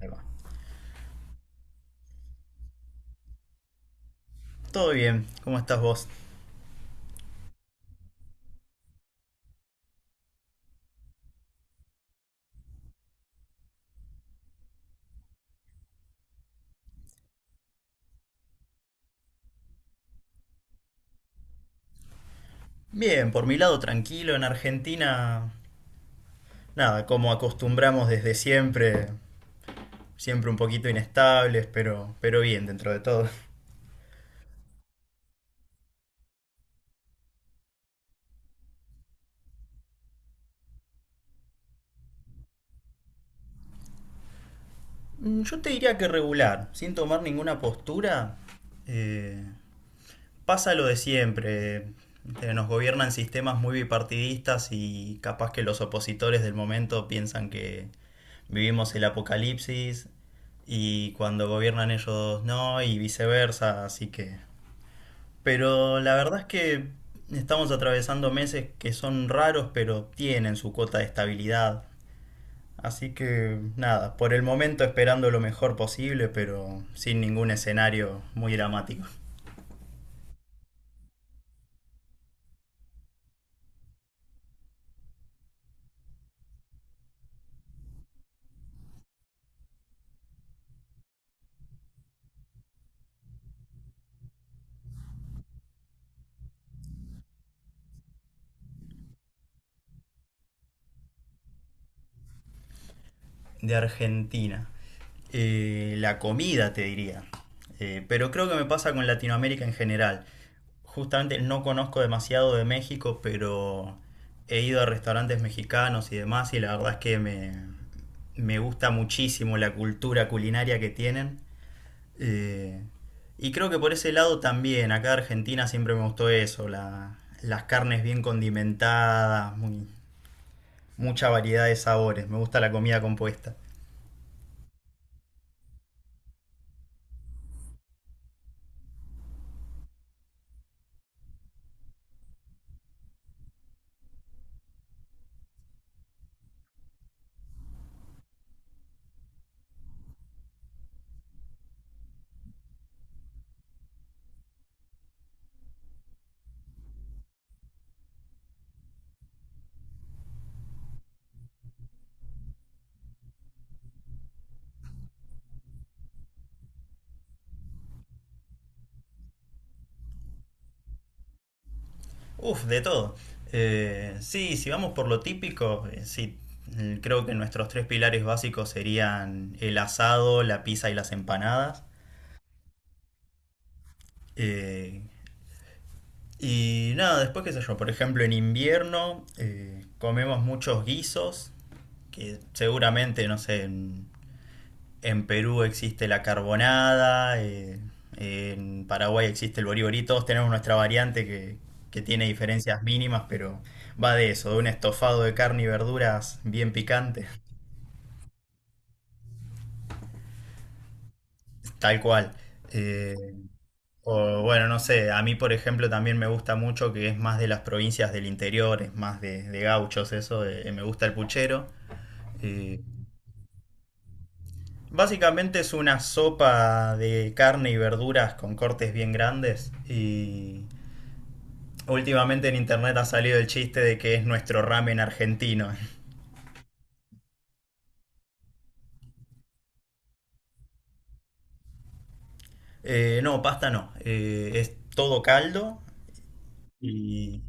Ahí va. Todo bien, ¿cómo estás vos? Bien, por mi lado tranquilo, en Argentina, nada, como acostumbramos desde siempre, siempre un poquito inestables, pero bien dentro de todo. Mm, yo te diría que regular, sin tomar ninguna postura. eh, Pasa lo de siempre. Nos gobiernan sistemas muy bipartidistas y capaz que los opositores del momento piensan que vivimos el apocalipsis, y cuando gobiernan ellos no, y viceversa, así que... Pero la verdad es que estamos atravesando meses que son raros, pero tienen su cuota de estabilidad. Así que nada, por el momento esperando lo mejor posible, pero sin ningún escenario muy dramático. De Argentina. La comida, te diría. Pero creo que me pasa con Latinoamérica en general. Justamente no conozco demasiado de México, pero he ido a restaurantes mexicanos y demás, y la verdad es que me gusta muchísimo la cultura culinaria que tienen. Eh, y creo que por ese lado también, acá en Argentina siempre me gustó eso, las carnes bien condimentadas, mucha variedad de sabores, me gusta la comida compuesta. Uf, de todo. Sí, si vamos por lo típico, sí, mm, creo que nuestros tres pilares básicos serían el asado, la pizza y las empanadas. Eh, y nada, después qué sé yo, por ejemplo, en invierno comemos muchos guisos, que seguramente, no sé... En Perú existe la carbonada, en Paraguay existe el boriborí, todos tenemos nuestra variante que tiene diferencias mínimas, pero va de eso, de un estofado de carne y verduras bien picante. Tal cual. Eh, o bueno, no sé, a mí por ejemplo también me gusta mucho que es más de las provincias del interior, es más de gauchos eso, me gusta el puchero. Eh, básicamente es una sopa de carne y verduras con cortes bien grandes, y últimamente en internet ha salido el chiste de que es nuestro ramen argentino. No, pasta no. Es todo caldo y...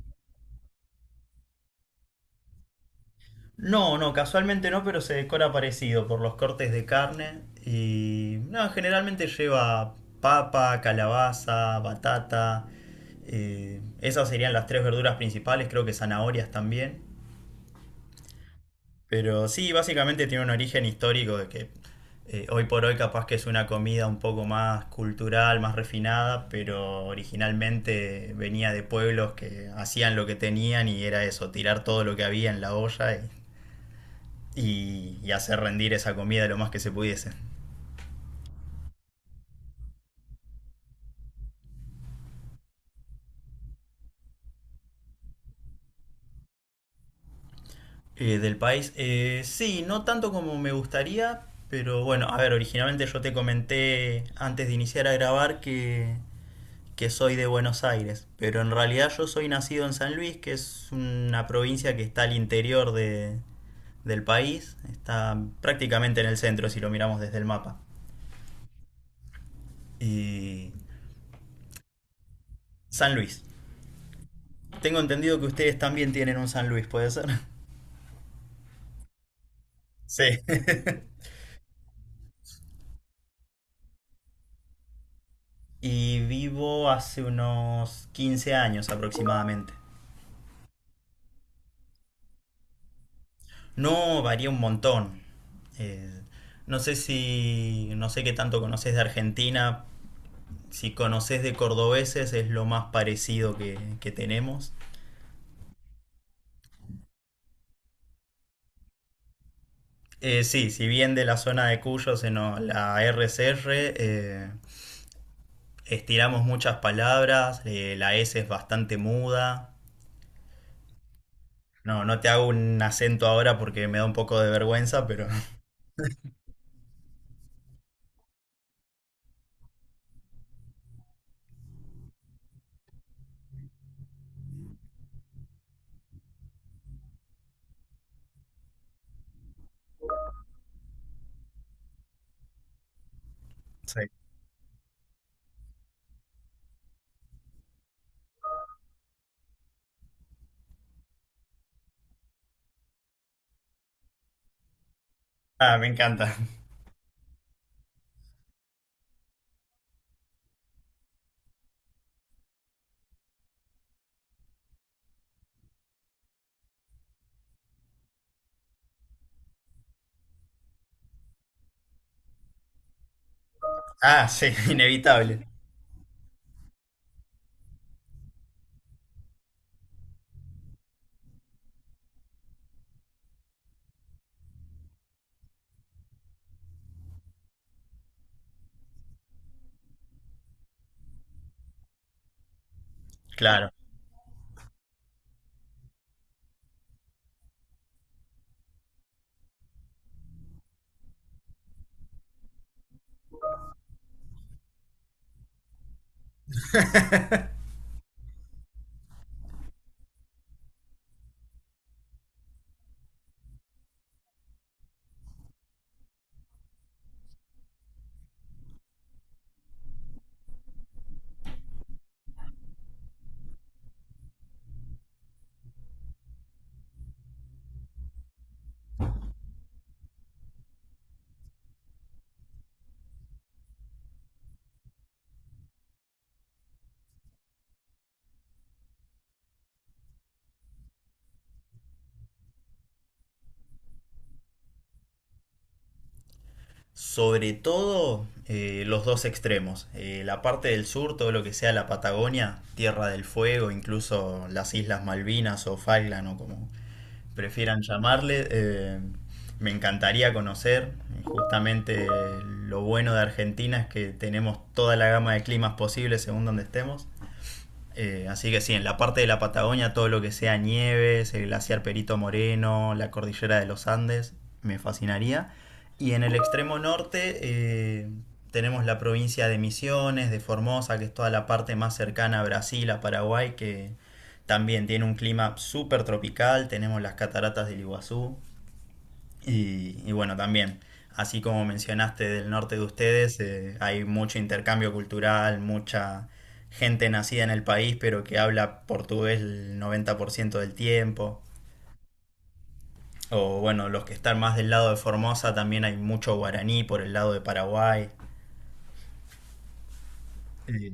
No, no, casualmente no, pero se decora parecido por los cortes de carne y... No, generalmente lleva papa, calabaza, batata. Eh, esas serían las tres verduras principales, creo que zanahorias también. Pero sí, básicamente tiene un origen histórico de que hoy por hoy capaz que es una comida un poco más cultural, más refinada, pero originalmente venía de pueblos que hacían lo que tenían y era eso, tirar todo lo que había en la olla y, y hacer rendir esa comida lo más que se pudiese. Del país, sí, no tanto como me gustaría, pero bueno, a ver, originalmente yo te comenté antes de iniciar a grabar que soy de Buenos Aires, pero en realidad yo soy nacido en San Luis, que es una provincia que está al interior de, del país, está prácticamente en el centro si lo miramos desde el mapa. Y San Luis. Tengo entendido que ustedes también tienen un San Luis, ¿puede ser? Sí. Y vivo hace unos 15 años aproximadamente. No varía un montón. Eh, no sé si, no sé qué tanto conoces de Argentina, si conoces de cordobeses es lo más parecido que tenemos. Sí, si bien de la zona de Cuyo, la RCR, eh, estiramos muchas palabras, la S es bastante muda. No, no te hago un acento ahora porque me da un poco de vergüenza, pero sí. Ah, me encanta. Ah, sí, inevitable. Claro. Sobre todo los dos extremos. La parte del sur, todo lo que sea la Patagonia, Tierra del Fuego, incluso las Islas Malvinas o Falkland o como prefieran llamarle, me encantaría conocer. Justamente lo bueno de Argentina es que tenemos toda la gama de climas posibles según donde estemos. Así que sí, en la parte de la Patagonia, todo lo que sea nieves, el glaciar Perito Moreno, la cordillera de los Andes, me fascinaría. Y en el extremo norte tenemos la provincia de Misiones, de Formosa, que es toda la parte más cercana a Brasil, a Paraguay, que también tiene un clima súper tropical, tenemos las cataratas del Iguazú, y bueno, también, así como mencionaste del norte de ustedes, hay mucho intercambio cultural, mucha gente nacida en el país, pero que habla portugués el 90% del tiempo. O bueno, los que están más del lado de Formosa, también hay mucho guaraní por el lado de Paraguay. Eh,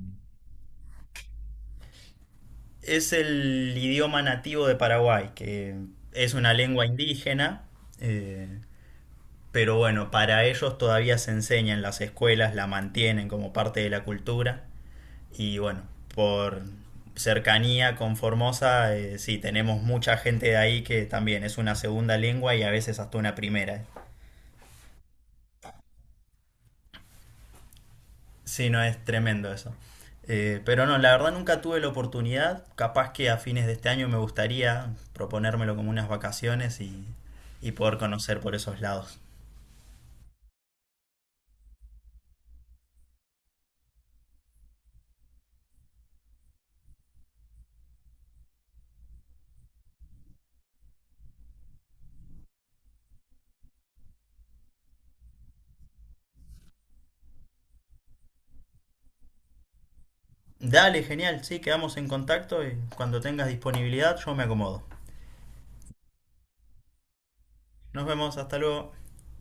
es el idioma nativo de Paraguay, que es una lengua indígena, eh, pero bueno, para ellos todavía se enseña en las escuelas, la mantienen como parte de la cultura. Y bueno, por cercanía con Formosa, sí, tenemos mucha gente de ahí que también es una segunda lengua y a veces hasta una primera. Sí, no, es tremendo eso. Pero no, la verdad nunca tuve la oportunidad. Capaz que a fines de este año me gustaría proponérmelo como unas vacaciones y poder conocer por esos lados. Dale, genial, sí, quedamos en contacto y cuando tengas disponibilidad yo me acomodo. Nos vemos, hasta luego.